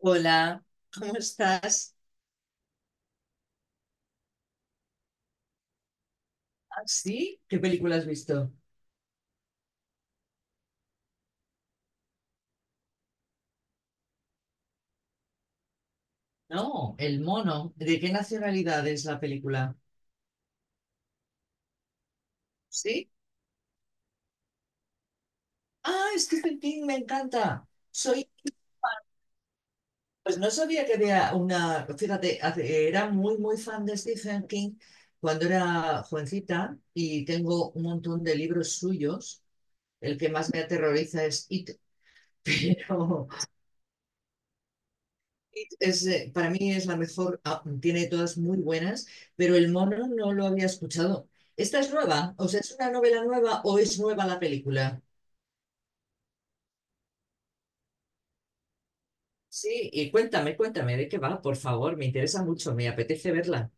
Hola, ¿cómo estás? ¿Ah, sí? ¿Qué película has visto? No, El Mono. ¿De qué nacionalidad es la película? ¿Sí? Ah, Stephen King, me encanta. Pues no sabía que había una, fíjate, era muy, muy fan de Stephen King cuando era jovencita y tengo un montón de libros suyos. El que más me aterroriza es It. Pero para mí es la mejor, tiene todas muy buenas, pero El Mono no lo había escuchado. ¿Esta es nueva? O sea, ¿es una novela nueva o es nueva la película? Sí, y cuéntame, cuéntame de qué va, por favor, me interesa mucho, me apetece verla.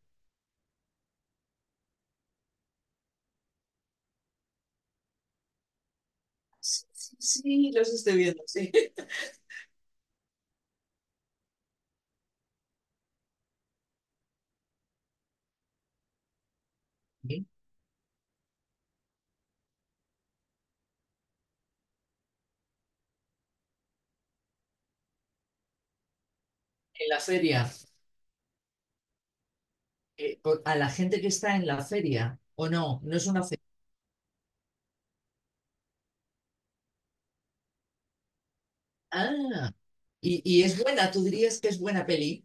Sí, sí, sí, los estoy viendo, sí. Sí. En la feria, a la gente que está en la feria, o no, no es una feria. Ah, y es buena, tú dirías que es buena peli.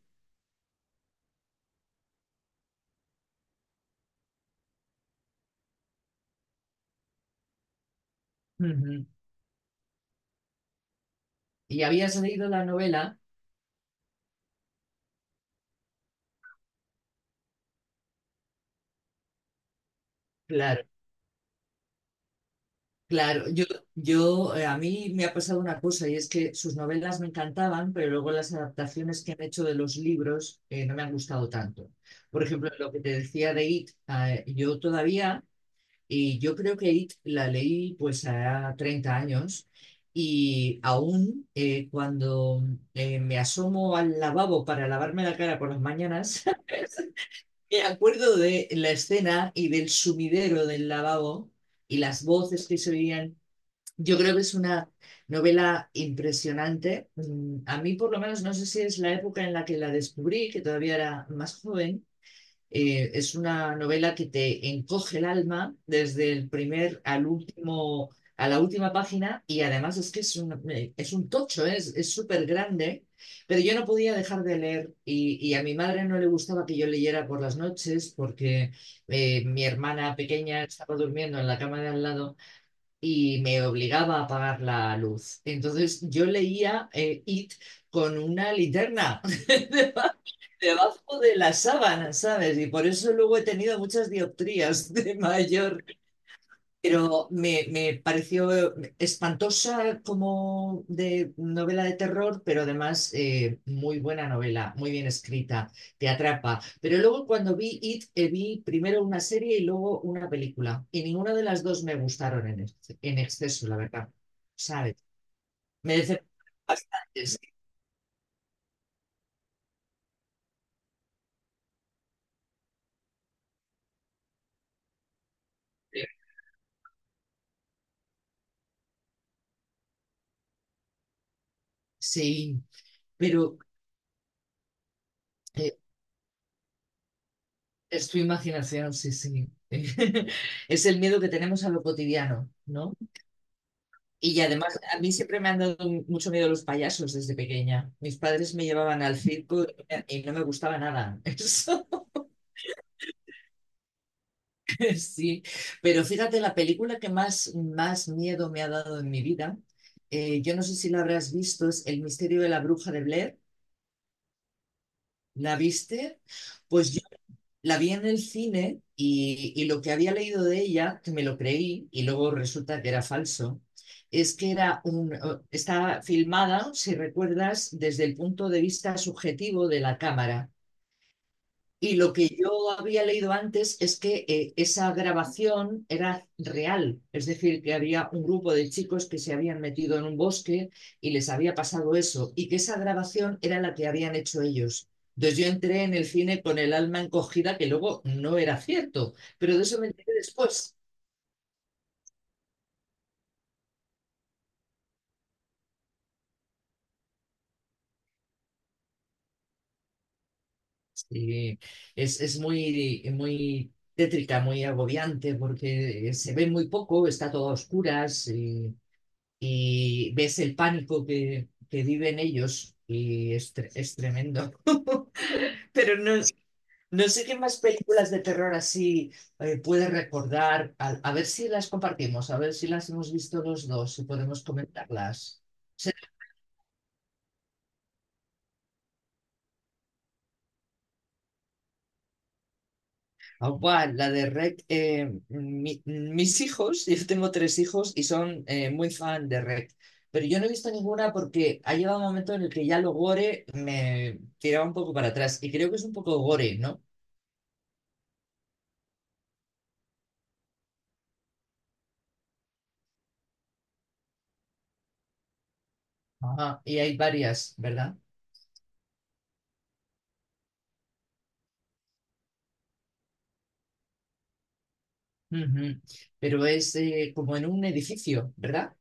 Ujú. Y habías leído la novela, claro. Claro, yo a mí me ha pasado una cosa y es que sus novelas me encantaban, pero luego las adaptaciones que han hecho de los libros no me han gustado tanto. Por ejemplo, lo que te decía de It, y yo creo que It la leí pues a 30 años y aún cuando me asomo al lavabo para lavarme la cara por las mañanas, me acuerdo de la escena y del sumidero del lavabo y las voces que se oían. Yo creo que es una novela impresionante. A mí, por lo menos, no sé si es la época en la que la descubrí, que todavía era más joven. Es una novela que te encoge el alma desde el primer al último, a la última página, y además es que es un tocho, ¿eh? Es súper grande. Pero yo no podía dejar de leer, y, a mi madre no le gustaba que yo leyera por las noches, porque mi hermana pequeña estaba durmiendo en la cama de al lado y me obligaba a apagar la luz. Entonces yo leía It con una linterna debajo de la sábana, ¿sabes? Y por eso luego he tenido muchas dioptrías de mayor. Pero me pareció espantosa como de novela de terror, pero además muy buena novela, muy bien escrita, te atrapa. Pero luego cuando vi It, vi primero una serie y luego una película. Y ninguna de las dos me gustaron en exceso, la verdad. ¿Sabes? Me decepcionaron bastante. Sí, sí, pero eh, es tu imaginación, sí, sí. Es el miedo que tenemos a lo cotidiano, ¿no? Y además, a mí siempre me han dado mucho miedo los payasos desde pequeña. Mis padres me llevaban al circo y no me gustaba nada. Eso, sí. Pero fíjate, la película que más, más miedo me ha dado en mi vida, yo no sé si la habrás visto, es El misterio de la bruja de Blair. ¿La viste? Pues la vi en el cine y, lo que había leído de ella, que me lo creí y luego resulta que era falso, es que era un, está filmada, si recuerdas, desde el punto de vista subjetivo de la cámara. Y lo que yo había leído antes es que esa grabación era real, es decir, que había un grupo de chicos que se habían metido en un bosque y les había pasado eso, y que esa grabación era la que habían hecho ellos. Entonces yo entré en el cine con el alma encogida, que luego no era cierto, pero de eso me enteré después. Sí, es muy, muy tétrica, muy agobiante, porque se ve muy poco, está todo a oscuras. Y ves el pánico que viven ellos y es tremendo. Pero no, no sé qué más películas de terror así puedes recordar. A ver si las compartimos, a ver si las hemos visto los dos, si podemos comentarlas. Se- Ah, buah, la de Rec, mis hijos, yo tengo tres hijos y son muy fan de Rec, pero yo no he visto ninguna porque ha llegado un momento en el que ya lo gore me tiraba un poco para atrás y creo que es un poco gore, ¿no? Ajá, y hay varias, ¿verdad? Ujú. Pero es como en un edificio, ¿verdad?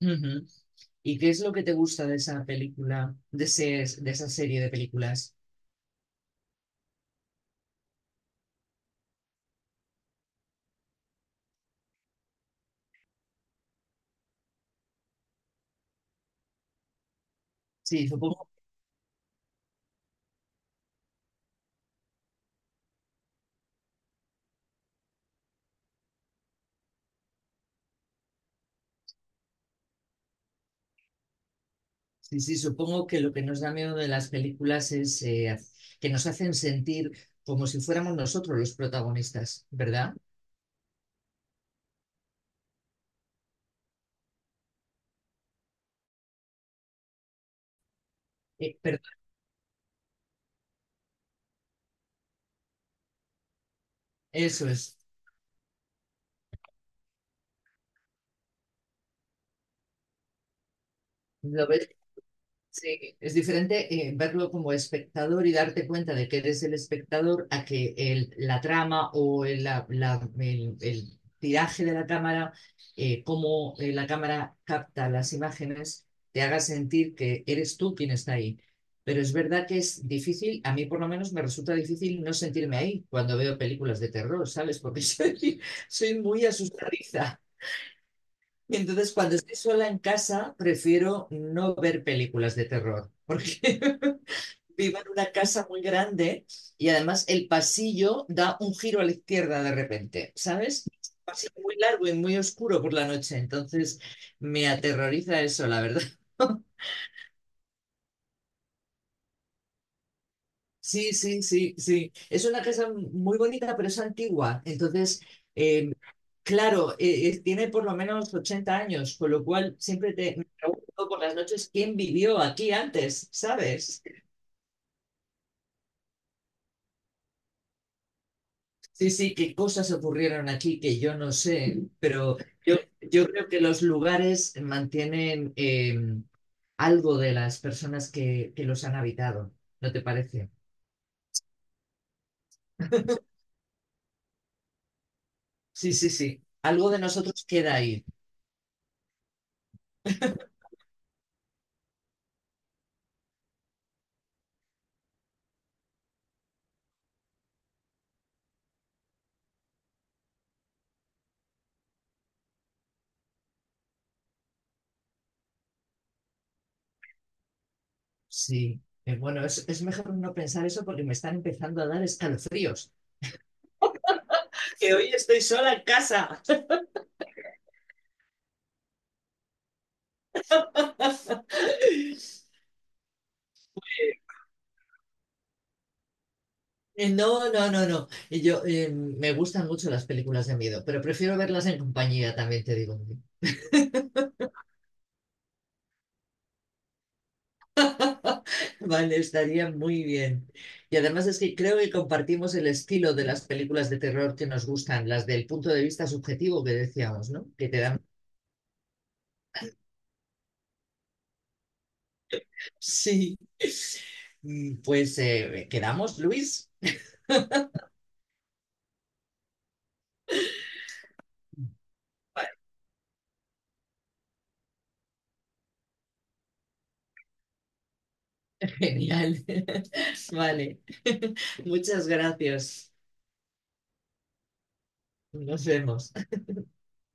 Ujú. ¿Y qué es lo que te gusta de esa película, de ese, de esa serie de películas? Sí, supongo, sí, sí, supongo que lo que nos da miedo de las películas es que nos hacen sentir como si fuéramos nosotros los protagonistas, ¿verdad? Perdón, eso es. ¿Lo ves? Sí, es diferente verlo como espectador y darte cuenta de que eres el espectador a que la trama o el tiraje de la cámara, cómo la cámara capta las imágenes, te haga sentir que eres tú quien está ahí. Pero es verdad que es difícil, a mí por lo menos me resulta difícil no sentirme ahí cuando veo películas de terror, ¿sabes? Porque soy muy asustadiza. Entonces, cuando estoy sola en casa, prefiero no ver películas de terror, porque vivo en una casa muy grande y además el pasillo da un giro a la izquierda de repente, ¿sabes? Es un pasillo muy largo y muy oscuro por la noche, entonces me aterroriza eso, la verdad. Sí, sí, sí, sí. Es una casa muy bonita, pero es antigua, entonces em, claro, tiene por lo menos 80 años, con lo cual siempre te me pregunto por las noches quién vivió aquí antes, ¿sabes? Sí, sí, qué cosas ocurrieron aquí que yo no sé, pero yo, yo creo que los lugares mantienen algo de las personas que los han habitado, ¿no te parece? Sí, sí, sí, algo de nosotros queda ahí, sí. Bueno, es mejor no pensar eso porque me están empezando a dar escalofríos. Que hoy estoy sola en casa. No, no, no, no. Y yo, me gustan mucho las películas de miedo, pero prefiero verlas en compañía, también te digo. Vale, estaría muy bien. Y además es que creo que compartimos el estilo de las películas de terror que nos gustan, las del punto de vista subjetivo que decíamos, ¿no? Que te dan... Sí. Pues quedamos, Luis. Genial. Vale. Muchas gracias. Nos vemos.